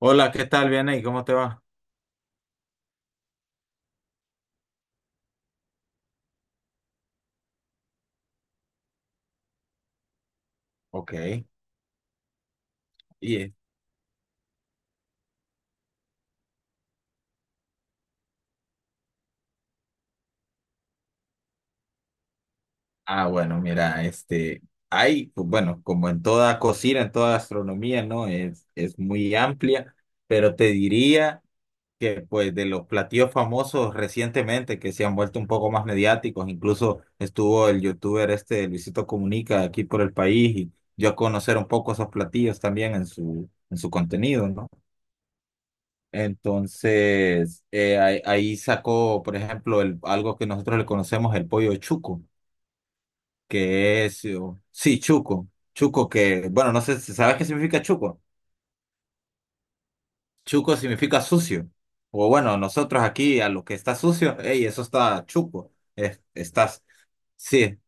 Hola, ¿qué tal? Bien ahí, ¿cómo te va? Ok. Y, eh, bueno, mira, hay, pues, bueno, como en toda cocina, en toda gastronomía, ¿no? Es muy amplia, pero te diría que, pues, de los platillos famosos recientemente que se han vuelto un poco más mediáticos, incluso estuvo el youtuber este Luisito Comunica aquí por el país y dio a conocer un poco esos platillos también en su contenido, ¿no? Entonces, ahí sacó, por ejemplo, el, algo que nosotros le conocemos, el pollo chuco, que es, sí, chuco, chuco que, bueno, no sé, ¿sabes qué significa chuco? Chuco significa sucio. O bueno, nosotros aquí a lo que está sucio, hey, eso está chuco, estás, sí,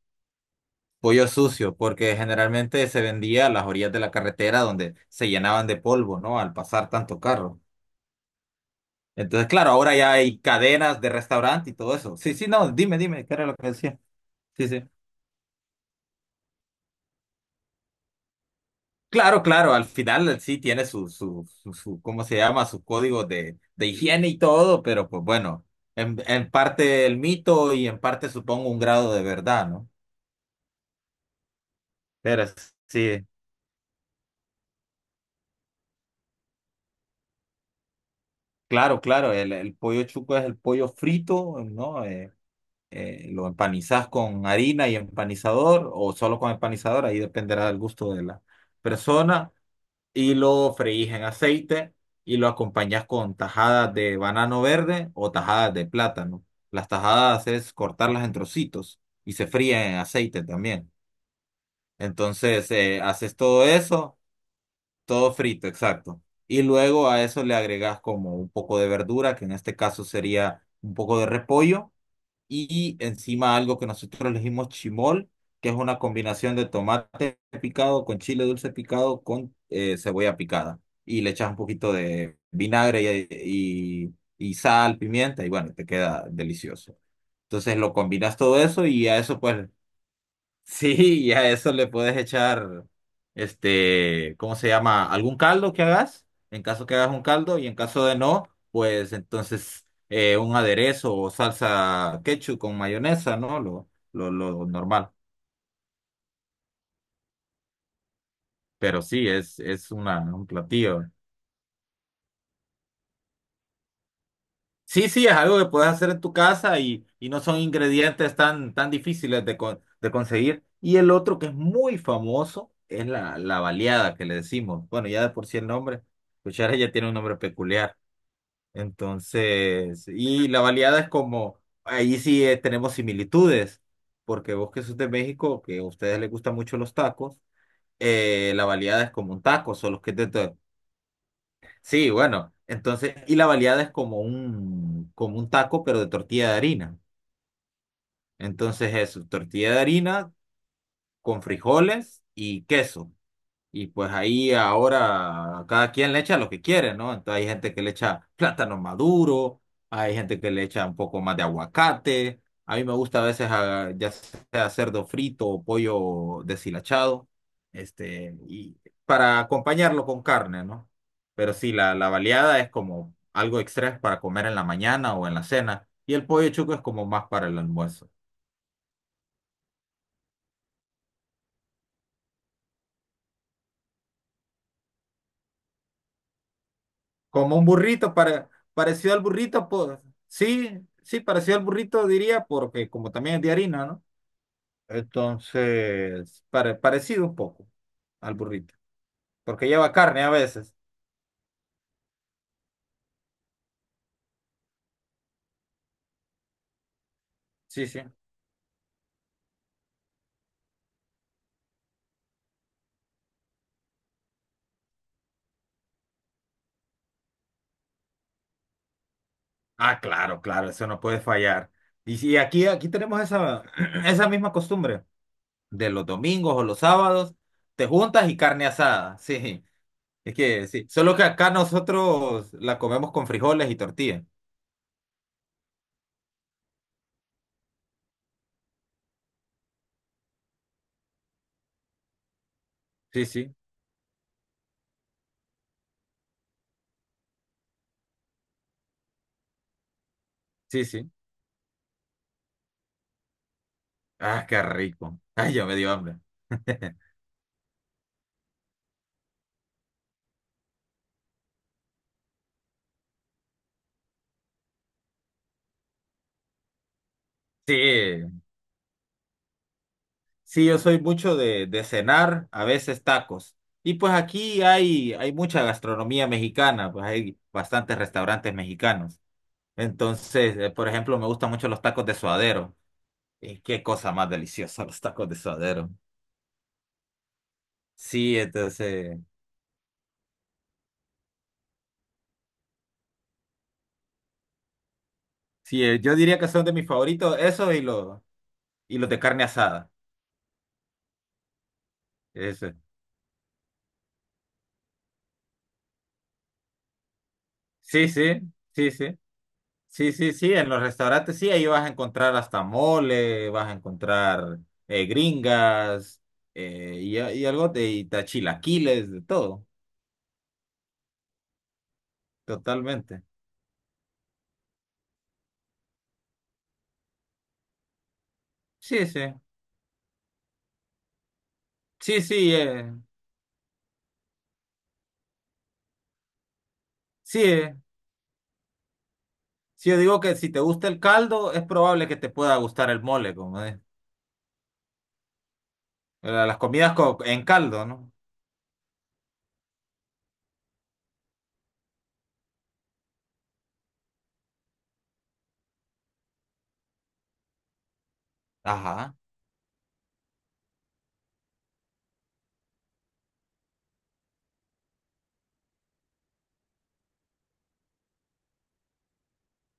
pollo sucio, porque generalmente se vendía a las orillas de la carretera donde se llenaban de polvo, ¿no? Al pasar tanto carro. Entonces, claro, ahora ya hay cadenas de restaurante y todo eso. Sí, sí, no, dime, dime, ¿qué era lo que decía? Sí, sí. Claro, claro, al final sí tiene su, ¿cómo se llama? Su código de higiene y todo, pero pues bueno, en parte el mito y en parte supongo un grado de verdad, ¿no? Sí, claro, claro, el pollo chuco es el pollo frito, ¿no? Lo empanizas con harina y empanizador o solo con empanizador, ahí dependerá del gusto de la persona. Y lo freís en aceite y lo acompañas con tajadas de banano verde o tajadas de plátano. Las tajadas es cortarlas en trocitos y se fríen en aceite también. Entonces, haces todo eso, todo frito, exacto. Y luego a eso le agregas como un poco de verdura, que en este caso sería un poco de repollo y encima algo que nosotros elegimos chimol, que es una combinación de tomate picado con chile dulce picado con cebolla picada. Y le echas un poquito de vinagre y sal, pimienta, y bueno, te queda delicioso. Entonces lo combinas todo eso y a eso pues sí, y a eso le puedes echar, ¿cómo se llama? ¿Algún caldo que hagas? En caso que hagas un caldo y en caso de no, pues entonces un aderezo o salsa ketchup con mayonesa, ¿no? Lo normal. Pero sí, es una, un platillo. Sí, sí, es algo que puedes hacer en tu casa y no son ingredientes tan difíciles de conseguir. Y el otro que es muy famoso es la, la baleada que le decimos. Bueno, ya de por sí el nombre, cuchara ya tiene un nombre peculiar. Entonces, y la baleada es como, ahí sí tenemos similitudes, porque vos que sos de México, que a ustedes les gustan mucho los tacos, la baleada es como un taco, solo que es de, sí, bueno, entonces, y la baleada es como un taco, pero de tortilla de harina. Entonces, eso, tortilla de harina con frijoles y queso. Y pues ahí ahora cada quien le echa lo que quiere, ¿no? Entonces hay gente que le echa plátano maduro, hay gente que le echa un poco más de aguacate. A mí me gusta a veces ya sea cerdo frito o pollo deshilachado, este, y para acompañarlo con carne, ¿no? Pero sí, la baleada es como algo extra para comer en la mañana o en la cena, y el pollo chuco es como más para el almuerzo. Como un burrito, para, parecido al burrito, pues sí, sí, parecido al burrito diría, porque como también es de harina, ¿no? Entonces, parecido un poco al burrito, porque lleva carne a veces. Sí, sí. Ah, claro, claro, eso no puede fallar. Y si aquí, aquí tenemos esa, esa misma costumbre de los domingos o los sábados, te juntas y carne asada, sí. Es que sí, solo que acá nosotros la comemos con frijoles y tortilla. Sí, sí, sí, sí. Ah, qué rico. Ay, ya me dio hambre. Sí, sí, yo soy mucho de cenar, a veces tacos. Y pues aquí hay, hay mucha gastronomía mexicana, pues hay bastantes restaurantes mexicanos. Entonces, por ejemplo, me gustan mucho los tacos de suadero. Y qué cosa más deliciosa los tacos de suadero. Sí, entonces, sí, yo diría que son de mis favoritos, esos y los de carne asada. Eso. Sí, sí, sí, sí. Sí, sí, sí, en los restaurantes sí, ahí vas a encontrar hasta mole, vas a encontrar gringas y algo de tachilaquiles, de todo, totalmente. Sí, sí, sí, sí, sí, eh. Sí, yo digo que si te gusta el caldo, es probable que te pueda gustar el mole, como es. Las comidas en caldo, ¿no? Ajá.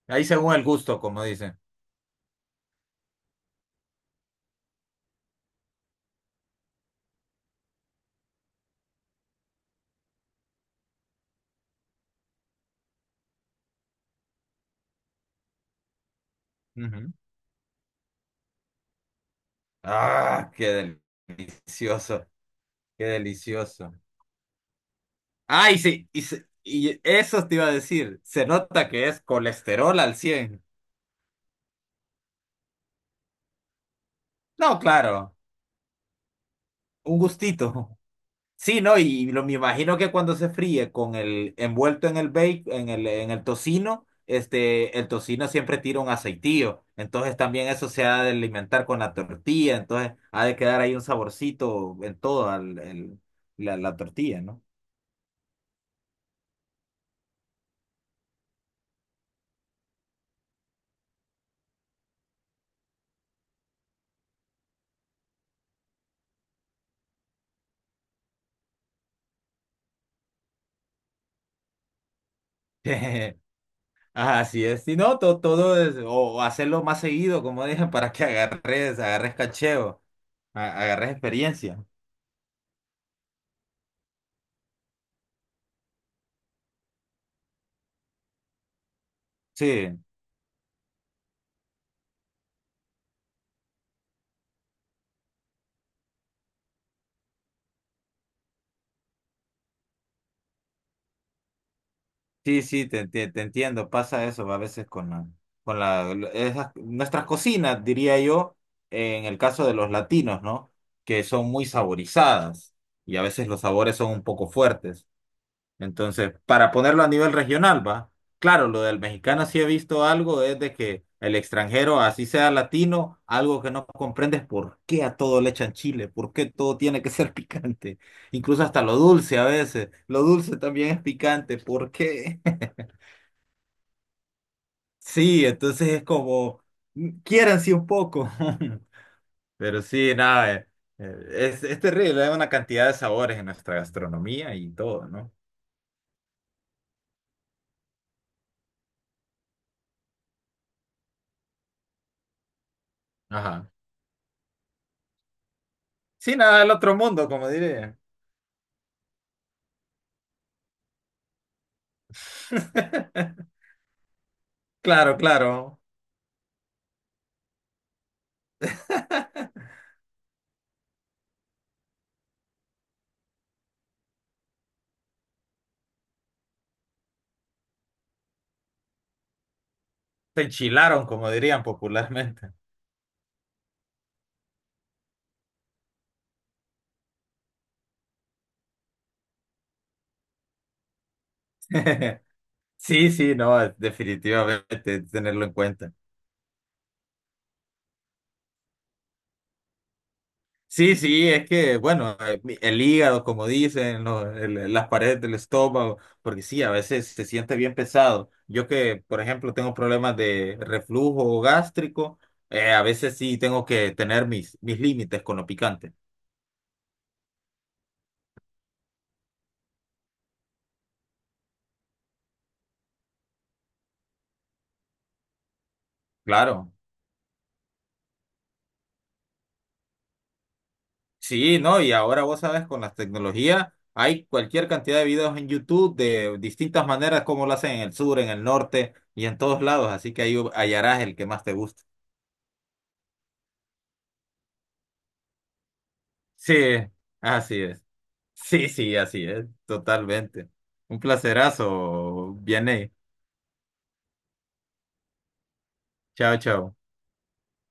Ahí según el gusto, como dicen. Ujú. Ah, qué delicioso, qué delicioso. Ah, y, sí, y eso te iba a decir. Se nota que es colesterol al cien. No, claro, un gustito. Sí, no, y lo, me imagino que cuando se fríe con el envuelto en el bake, en el tocino, este, el tocino siempre tira un aceitillo. Entonces también eso se ha de alimentar con la tortilla. Entonces ha de quedar ahí un saborcito en la, la tortilla, ¿no? Así es, si no, todo, es, o hacerlo más seguido, como dije, para que agarres, agarres cacheo, agarres experiencia. Sí, sí, sí, te entiendo, pasa eso a veces con la, nuestras cocinas, diría yo, en el caso de los latinos, ¿no? Que son muy saborizadas y a veces los sabores son un poco fuertes. Entonces, para ponerlo a nivel regional, va. Claro, lo del mexicano sí he visto algo, es de que el extranjero, así sea latino, algo que no comprendes por qué a todo le echan chile, por qué todo tiene que ser picante, incluso hasta lo dulce a veces, lo dulce también es picante, ¿por qué? Sí, entonces es como, quiéranse un poco, pero sí, nada, es terrible, hay una cantidad de sabores en nuestra gastronomía y todo, ¿no? Ajá. Sí, nada, el otro mundo, como diré. Claro, claro. Se enchilaron, como dirían popularmente. Sí, sí, no, definitivamente tenerlo en cuenta. Sí, sí, es que, bueno, el hígado, como dicen, las paredes del estómago, porque sí, a veces se siente bien pesado. Yo que, por ejemplo, tengo problemas de reflujo gástrico, a veces sí tengo que tener mis, mis límites con lo picante. Claro. Sí, no, y ahora vos sabes, con las tecnologías hay cualquier cantidad de videos en YouTube de distintas maneras como lo hacen en el sur, en el norte y en todos lados, así que ahí hallarás el que más te guste. Sí, así es. Sí, sí, así es, totalmente. Un placerazo, Vianey. Chao, chao.